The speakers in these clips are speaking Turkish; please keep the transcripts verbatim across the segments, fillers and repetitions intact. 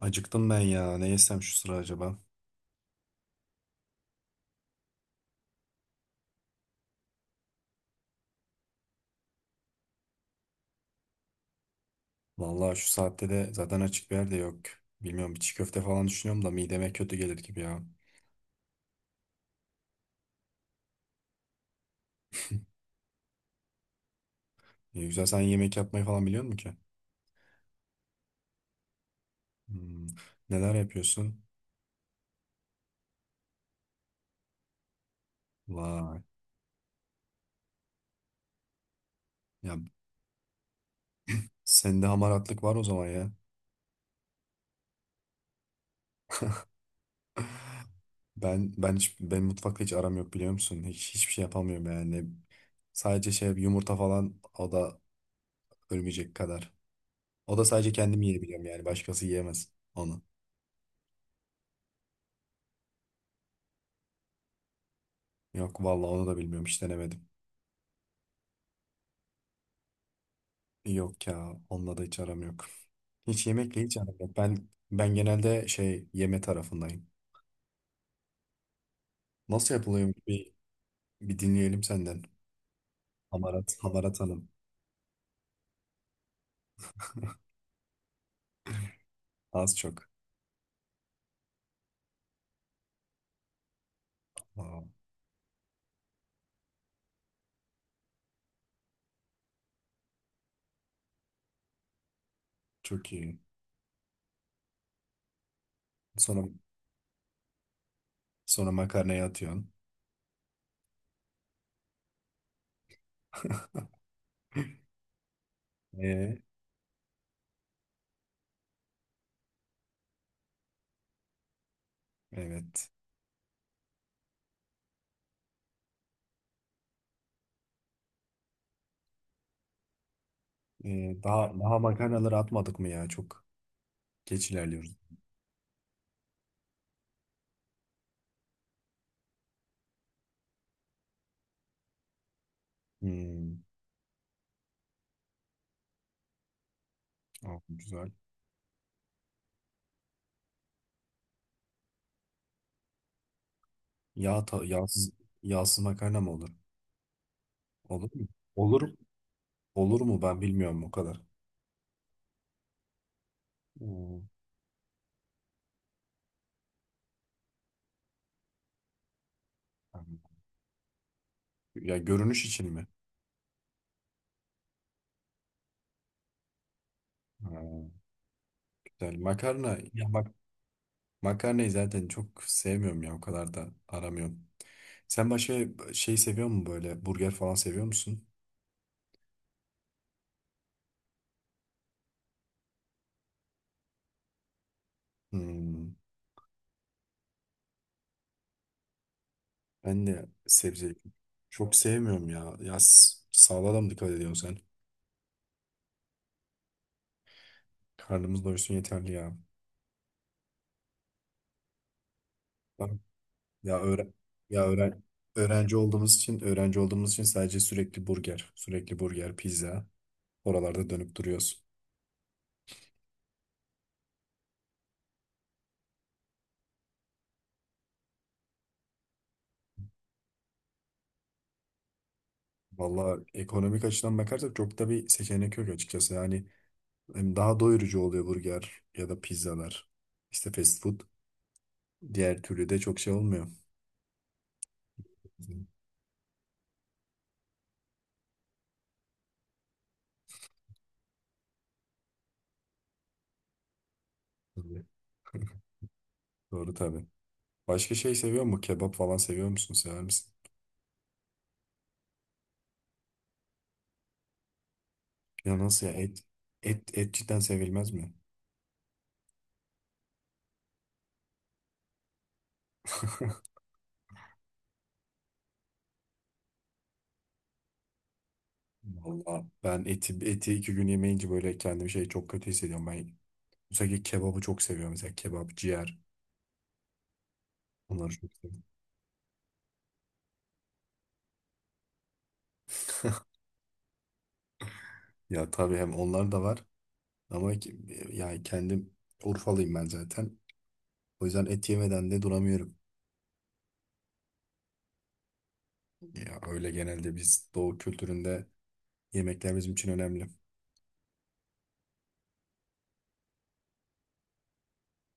Acıktım ben ya. Ne yesem şu sıra acaba? Vallahi şu saatte de zaten açık bir yer de yok. Bilmiyorum bir çiğ köfte falan düşünüyorum da mideme kötü gelir gibi ya. Ne güzel sen yemek yapmayı falan biliyor musun ki? Hmm. Neler yapıyorsun? Vay. Ya sende hamaratlık var o zaman ya. Ben ben hiç ben mutfakta hiç aram yok biliyor musun? Hiç hiçbir şey yapamıyorum yani. Sadece şey yumurta falan o da ölmeyecek kadar. O da sadece kendim yiyebiliyorum yani başkası yiyemez onu. Yok vallahi onu da bilmiyorum hiç denemedim. Yok ya onunla da hiç aram yok. Hiç yemekle hiç aram yok. Ben ben genelde şey yeme tarafındayım. Nasıl yapılıyor bir, bir dinleyelim senden. Hamarat, hamarat hanım. Az çok. Aa, çok iyi. Sonra sonra makarnaya atıyorsun. Ee, evet. Ee, daha daha makarnaları atmadık mı ya? Çok geç ilerliyoruz. Hmm, aa, güzel. Yağ ta- yağsız yağsız makarna mı olur? Olur mu? Olur olur mu? Ben bilmiyorum o kadar. Hmm, tamam. Ya görünüş için mi? Ha, güzel. Makarna. Ya bak makarnayı zaten çok sevmiyorum ya. O kadar da aramıyorum. Sen başka şey seviyor musun böyle? Burger falan seviyor musun? Hmm, ben de sebze çok sevmiyorum ya. Ya s- sağlığa da mı dikkat ediyorsun sen? Karnımız doysun yeterli ya. Bak, ya öğren ya öğren öğrenci olduğumuz için öğrenci olduğumuz için sadece sürekli burger, sürekli burger, pizza oralarda dönüp duruyoruz. Valla ekonomik açıdan bakarsak çok da bir seçenek yok açıkçası. Yani hem daha doyurucu oluyor burger ya da pizzalar. İşte fast food. Diğer türlü de çok şey olmuyor. Tabii. Doğru tabii. Başka şey seviyor mu? Kebap falan seviyor musun? Sever misin? Ya nasıl ya et? Et, et cidden sevilmez mi? Valla ben eti, eti iki gün yemeyince böyle kendimi şey çok kötü hissediyorum. Ben özellikle kebabı çok seviyorum. Mesela kebap, ciğer. Onları çok seviyorum. Ya tabii hem onlar da var. Ama ki- e, yani kendim Urfalıyım ben zaten. O yüzden et yemeden de duramıyorum. Ya öyle genelde biz Doğu kültüründe yemekler bizim için önemli.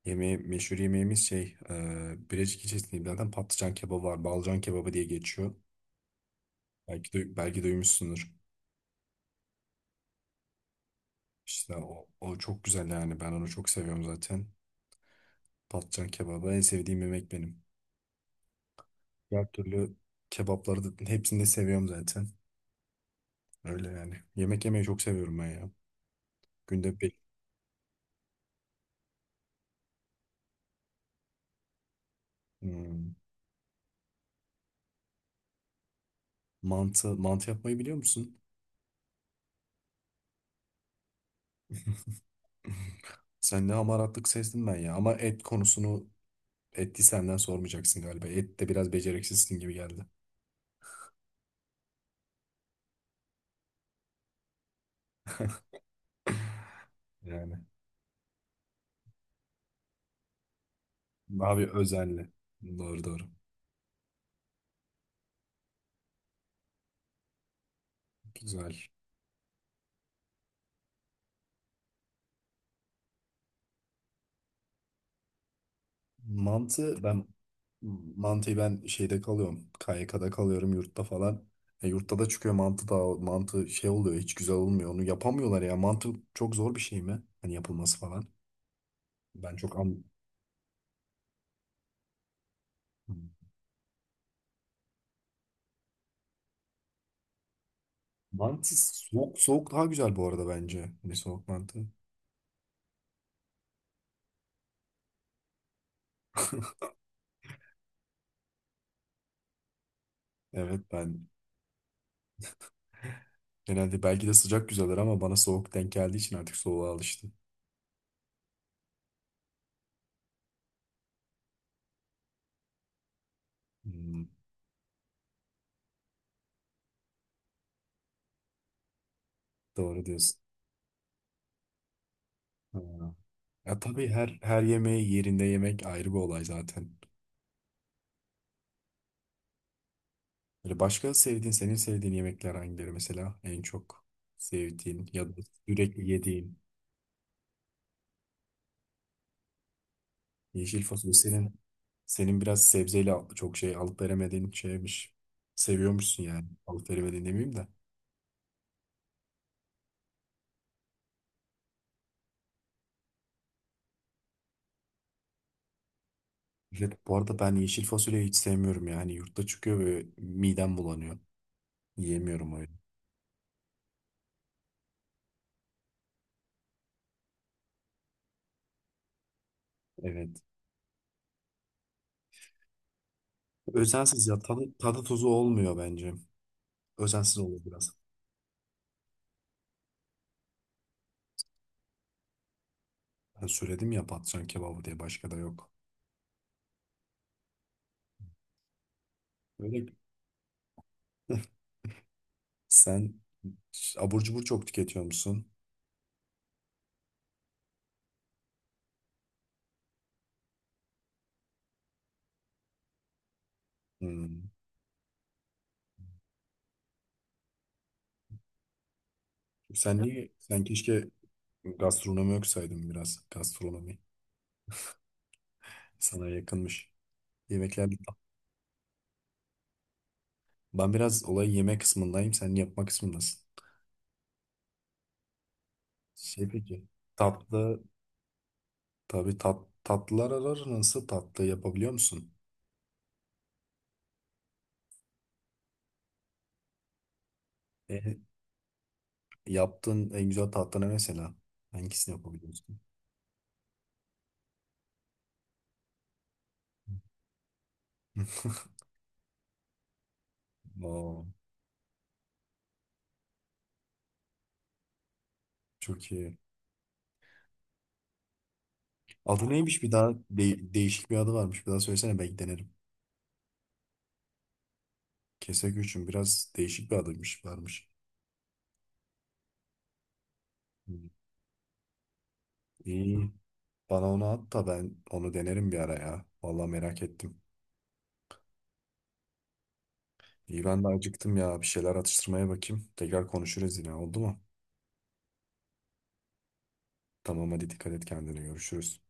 Yemeği, meşhur yemeğimiz şey, e, Birecik ilçesinde zaten patlıcan kebabı var. Balcan kebabı diye geçiyor. Belki de, belki duymuşsundur. İşte o, o çok güzel yani. Ben onu çok seviyorum zaten. Patlıcan kebabı en sevdiğim yemek benim. Diğer türlü kebapları da hepsini de seviyorum zaten. Öyle yani. Yemek yemeyi çok seviyorum ben ya. Günde bir. Hmm. Mantı, mantı yapmayı biliyor musun? Sen ne hamaratlık sezdin ben ya. Ama et konusunu etti senden sormayacaksın galiba. Et de biraz beceriksizsin gibi geldi. Yani. Abi özenli. Doğru doğru. Güzel. Mantı ben mantıyı ben şeyde kalıyorum. K Y K'da kalıyorum yurtta falan. E, yurtta da çıkıyor mantı da mantı şey oluyor hiç güzel olmuyor. Onu yapamıyorlar ya. Mantı çok zor bir şey mi? Hani yapılması falan. Ben çok an Mantı soğuk soğuk daha güzel bu arada bence. Hani soğuk mantı. Evet ben genelde belki de sıcak güzeldir ama bana soğuk denk geldiği için artık soğuğa alıştım. Hmm, doğru diyorsun. Ha. Ya tabii her her yemeği yerinde yemek ayrı bir olay zaten. Böyle başka sevdiğin, senin sevdiğin yemekler hangileri mesela en çok sevdiğin ya da sürekli yediğin yeşil fasulye senin senin biraz sebzeyle çok şey alıp veremediğin şeymiş. Seviyormuşsun yani. Alıp veremediğin demeyeyim de. Evet, bu arada ben yeşil fasulyeyi hiç sevmiyorum yani yurtta çıkıyor ve midem bulanıyor. Yiyemiyorum öyle. Evet. Özensiz ya tadı, tadı tuzu olmuyor bence. Özensiz olur biraz. Ben söyledim ya patlıcan kebabı diye başka da yok. Öyle mi? Sen abur cubur çok tüketiyor musun? Hmm. Sen niye? Sen keşke gastronomi okusaydın biraz. Gastronomi sana yakınmış. Yemekler. Ben biraz olay yeme kısmındayım. Sen yapma kısmındasın. Şey peki. Tatlı tabii tat, tatlılar arar nasıl tatlı yapabiliyor musun? E, yaptığın en güzel tatlı ne mesela? Hangisini yapabiliyorsun? Oo, çok iyi. Adı neymiş bir daha? De- değişik bir adı varmış. Bir daha söylesene belki denerim. Keseküçüm biraz değişik bir adıymış varmış. Hı. İyi. Bana onu at da ben onu denerim bir ara ya. Vallahi merak ettim. İyi ben de acıktım ya. Bir şeyler atıştırmaya bakayım. Tekrar konuşuruz yine oldu mu? Tamam hadi dikkat et kendine görüşürüz.